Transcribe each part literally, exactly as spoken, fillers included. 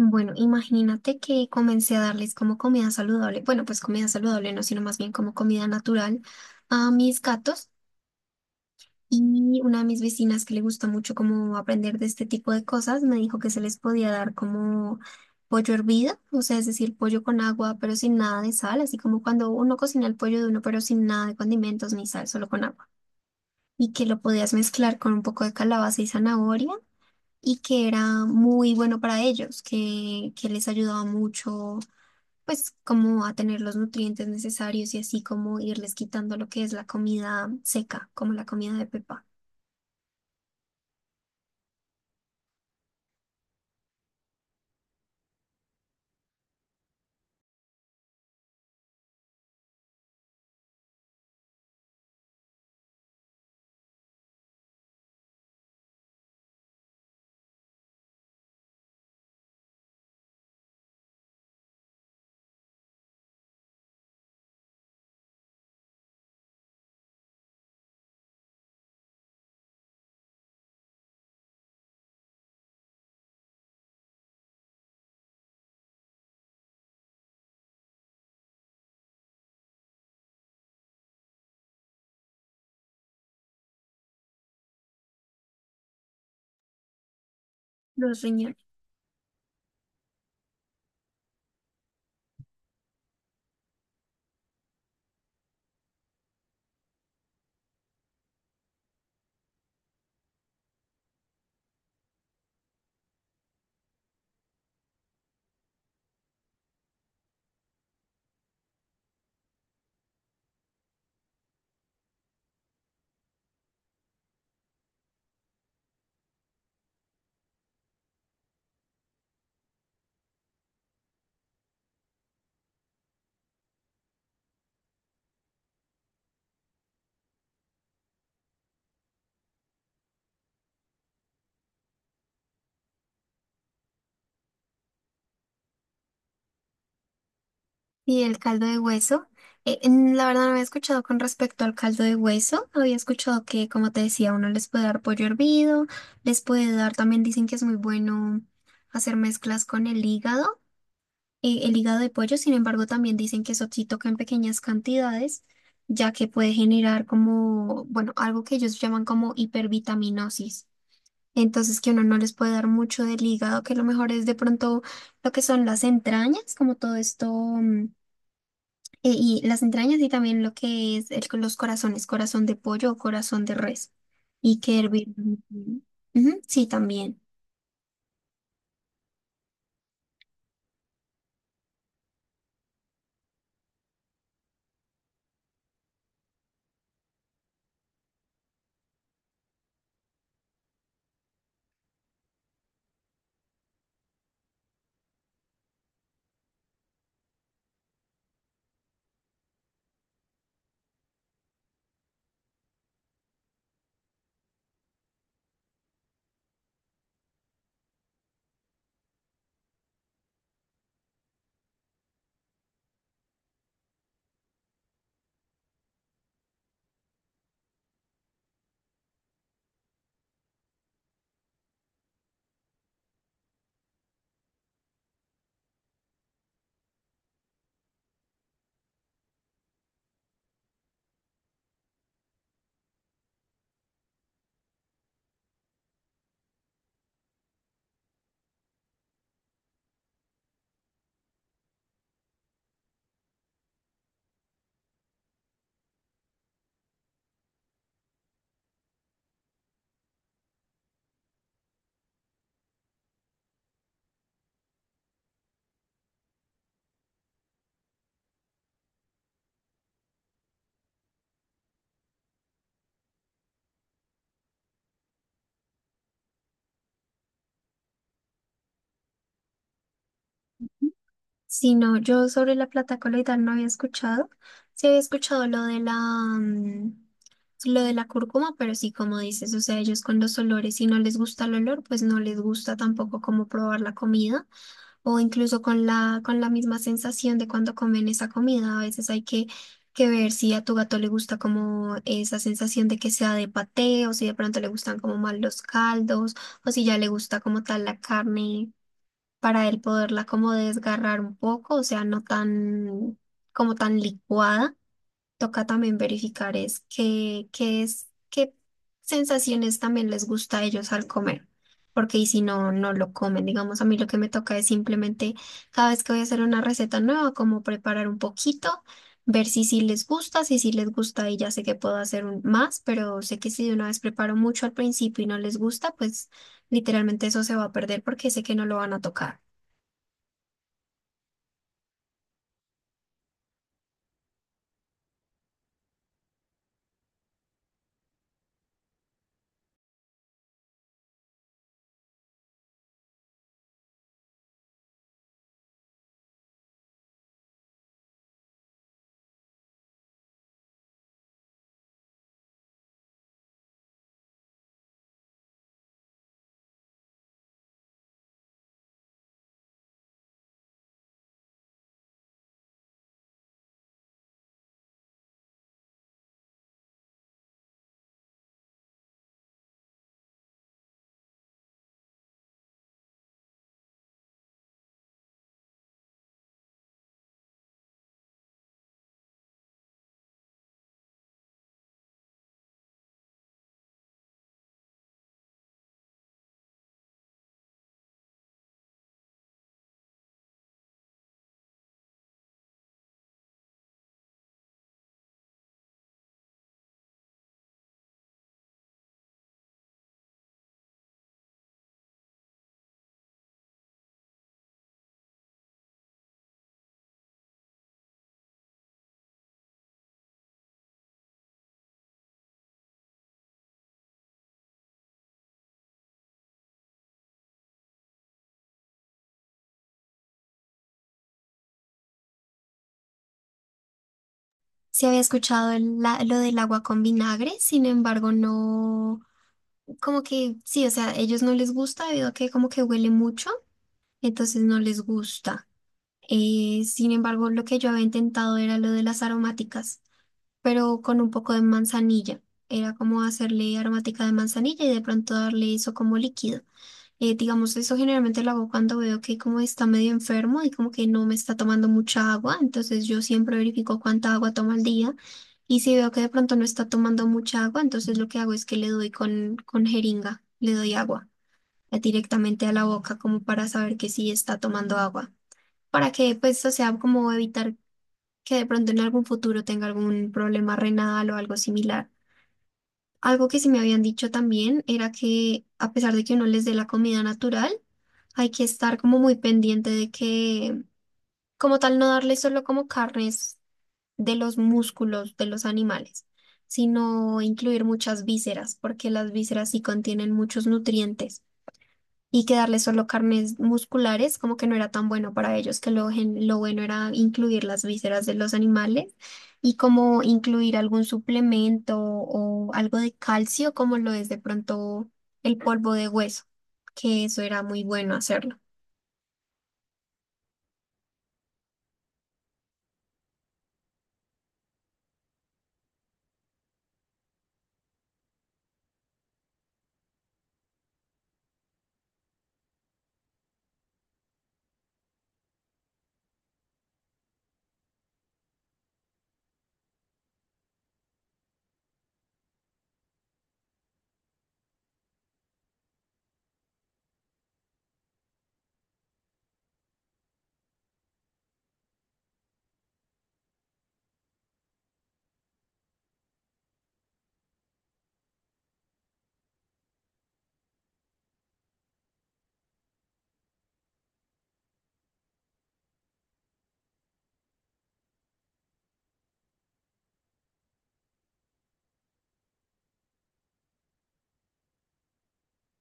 Bueno, imagínate que comencé a darles como comida saludable, bueno, pues comida saludable no, sino más bien como comida natural a mis gatos y una de mis vecinas que le gusta mucho como aprender de este tipo de cosas me dijo que se les podía dar como pollo hervido, o sea, es decir, pollo con agua pero sin nada de sal, así como cuando uno cocina el pollo de uno pero sin nada de condimentos ni sal, solo con agua, y que lo podías mezclar con un poco de calabaza y zanahoria, y que era muy bueno para ellos, que, que les ayudaba mucho pues como a tener los nutrientes necesarios y así como irles quitando lo que es la comida seca, como la comida de pepa, los riñones. Y el caldo de hueso, eh, en- la verdad no había escuchado con respecto al caldo de hueso, había escuchado que, como te decía, uno les puede dar pollo hervido, les puede dar, también dicen que es muy bueno hacer mezclas con el hígado, eh, el hígado de pollo, sin embargo, también dicen que eso sí toca en pequeñas cantidades ya que puede generar como, bueno, algo que ellos llaman como hipervitaminosis. Entonces que uno no les puede dar mucho del hígado, que lo mejor es de pronto lo que son las entrañas, como todo esto, mm, eh, y las entrañas y también lo que es el- los corazones, corazón de pollo o corazón de res, y que hervir. Ujú, sí, también. Si no, yo sobre la plata coloidal no había escuchado. Sí había escuchado lo de la, mm, lo de la cúrcuma, pero sí, como dices, o sea, ellos con los olores, si no les gusta el olor, pues no les gusta tampoco como probar la comida, o incluso con la, con la misma sensación de cuando comen esa comida. A veces hay que, que ver si a tu gato le gusta como esa sensación de que sea de paté o si de pronto le gustan como más los caldos o si ya le gusta como tal la carne para él poderla como desgarrar un poco, o sea, no tan como tan licuada. Toca también verificar es qué, qué es, qué sensaciones también les gusta a ellos al comer. Porque y si no, no lo comen. Digamos, a mí lo que me toca es simplemente cada vez que voy a hacer una receta nueva, como preparar un poquito, ver si sí les gusta, si sí les gusta y ya sé que puedo hacer un, más, pero sé que si de una vez preparo mucho al principio y no les gusta, pues literalmente eso se va a perder porque sé que no lo van a tocar. Se había escuchado el la- lo del agua con vinagre, sin embargo, no, como que sí, o sea, ellos no les gusta debido a que como que huele mucho, entonces no les gusta. Eh, sin embargo, lo que yo había intentado era lo de las aromáticas, pero con un poco de manzanilla. Era como hacerle aromática de manzanilla y de pronto darle eso como líquido. Eh, digamos, eso generalmente lo hago cuando veo que como está medio enfermo y como que no me está tomando mucha agua, entonces yo siempre verifico cuánta agua toma al día y si veo que de pronto no está tomando mucha agua, entonces lo que hago es que le doy con, con jeringa, le doy agua eh, directamente a la boca como para saber que sí está tomando agua, para que pues, o sea, como evitar que de pronto en algún futuro tenga algún problema renal o algo similar. Algo que sí me habían dicho también era que a pesar de que uno les dé la comida natural, hay que estar como muy pendiente de que, como tal, no darles solo como carnes de los músculos de los animales, sino incluir muchas vísceras, porque las vísceras sí contienen muchos nutrientes y que darles solo carnes musculares como que no era tan bueno para ellos, que lo, gen- lo bueno era incluir las vísceras de los animales y como incluir algún suplemento o algo de calcio como lo es de pronto el polvo de hueso, que eso era muy bueno hacerlo.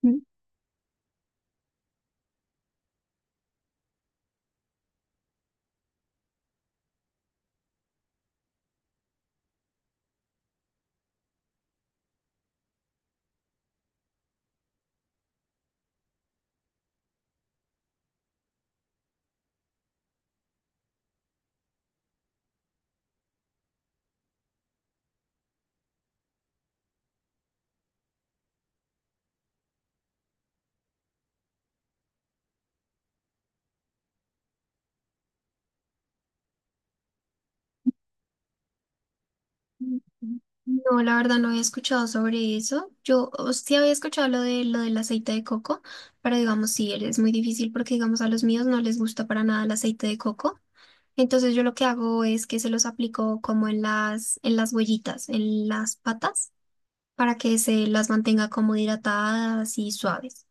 Mm, mm, mm. No, la verdad no había escuchado sobre eso. Yo o, sí había escuchado lo de lo del aceite de coco, pero digamos sí, es muy difícil porque digamos a los míos no les gusta para nada el aceite de coco. Entonces yo lo que hago es que se los aplico como en las, en las huellitas, en las patas, para que se las mantenga como hidratadas y suaves.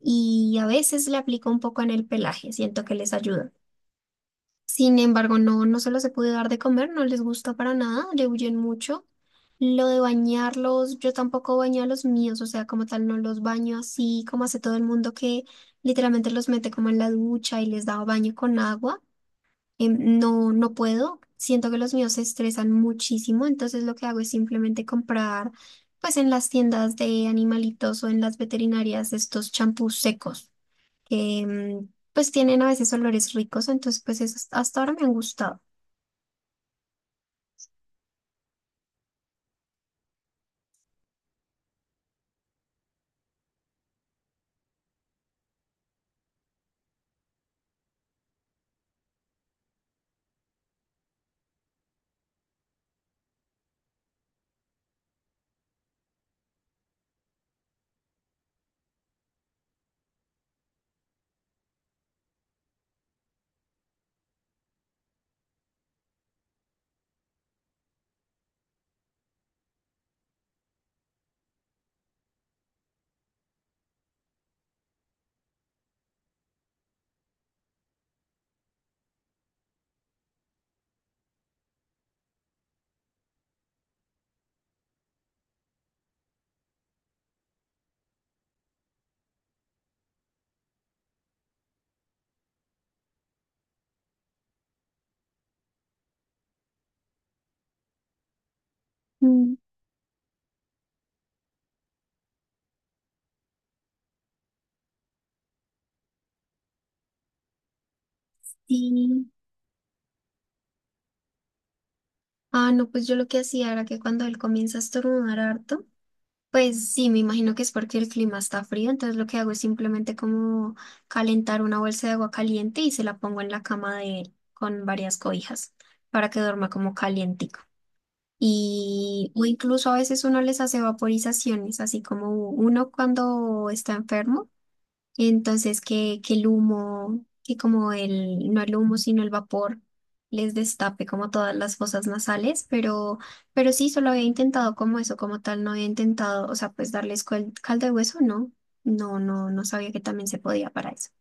Y a veces le aplico un poco en el pelaje, siento que les ayuda. Sin embargo, no, no se los he podido dar de comer, no les gusta para nada, le huyen mucho. Lo de bañarlos, yo tampoco baño a los míos, o sea, como tal, no los baño así como hace todo el mundo que literalmente los mete como en la ducha y les da baño con agua. Em, no, no puedo. Siento que los míos se estresan muchísimo, entonces lo que hago es simplemente comprar, pues en las tiendas de animalitos o en las veterinarias estos champús secos que em, pues tienen a veces olores ricos, entonces pues esos hasta ahora me han gustado. Mm, Y, ah, no, pues yo lo que hacía era que cuando él comienza a estornudar harto. Pues sí, me imagino que es porque el clima está frío, entonces lo que hago es simplemente como calentar una bolsa de agua caliente y se la pongo en la cama de él con varias cobijas para que duerma como calientico. Y o incluso a veces uno les hace vaporizaciones, así como uno cuando está enfermo. Entonces, que, que el humo, que como el, no el humo, sino el vapor, les destape como todas las fosas nasales, pero, pero sí, solo había intentado como eso, como tal, no había intentado, o sea, pues darles cuel- caldo de hueso, no, no, no, no sabía que también se podía para eso.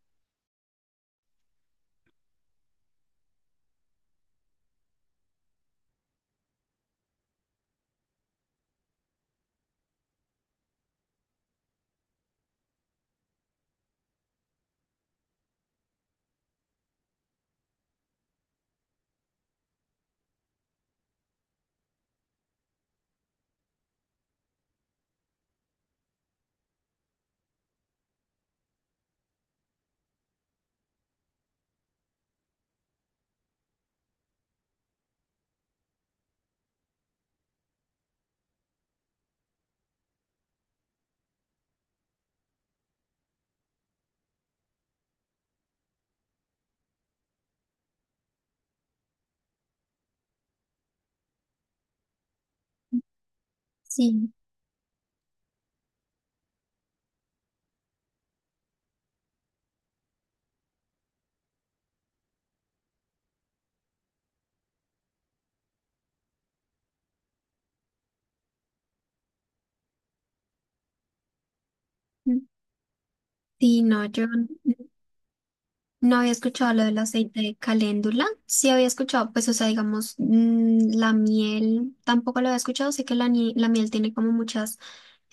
Sí, mm, sí, no, yo no había escuchado lo del aceite de caléndula. Sí había escuchado, pues, o sea, digamos, mm, la miel tampoco lo había escuchado. Sé que la, nie- la miel tiene como muchas,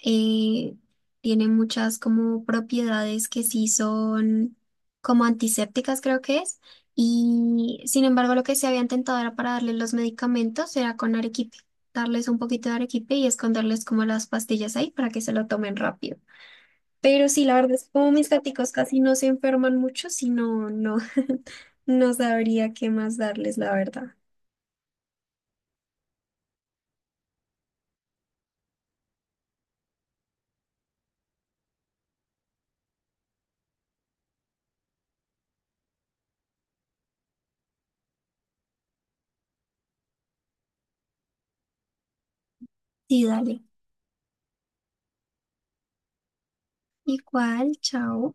eh, tiene muchas como propiedades que sí son como antisépticas, creo que es. Y sin embargo, lo que se había intentado era para darles los medicamentos, era con arequipe, darles un poquito de arequipe y esconderles como las pastillas ahí para que se lo tomen rápido. Pero sí, la verdad es que como mis gaticos casi no se enferman mucho, si no, no, no sabría qué más darles, la verdad. Sí, dale. Igual, chao.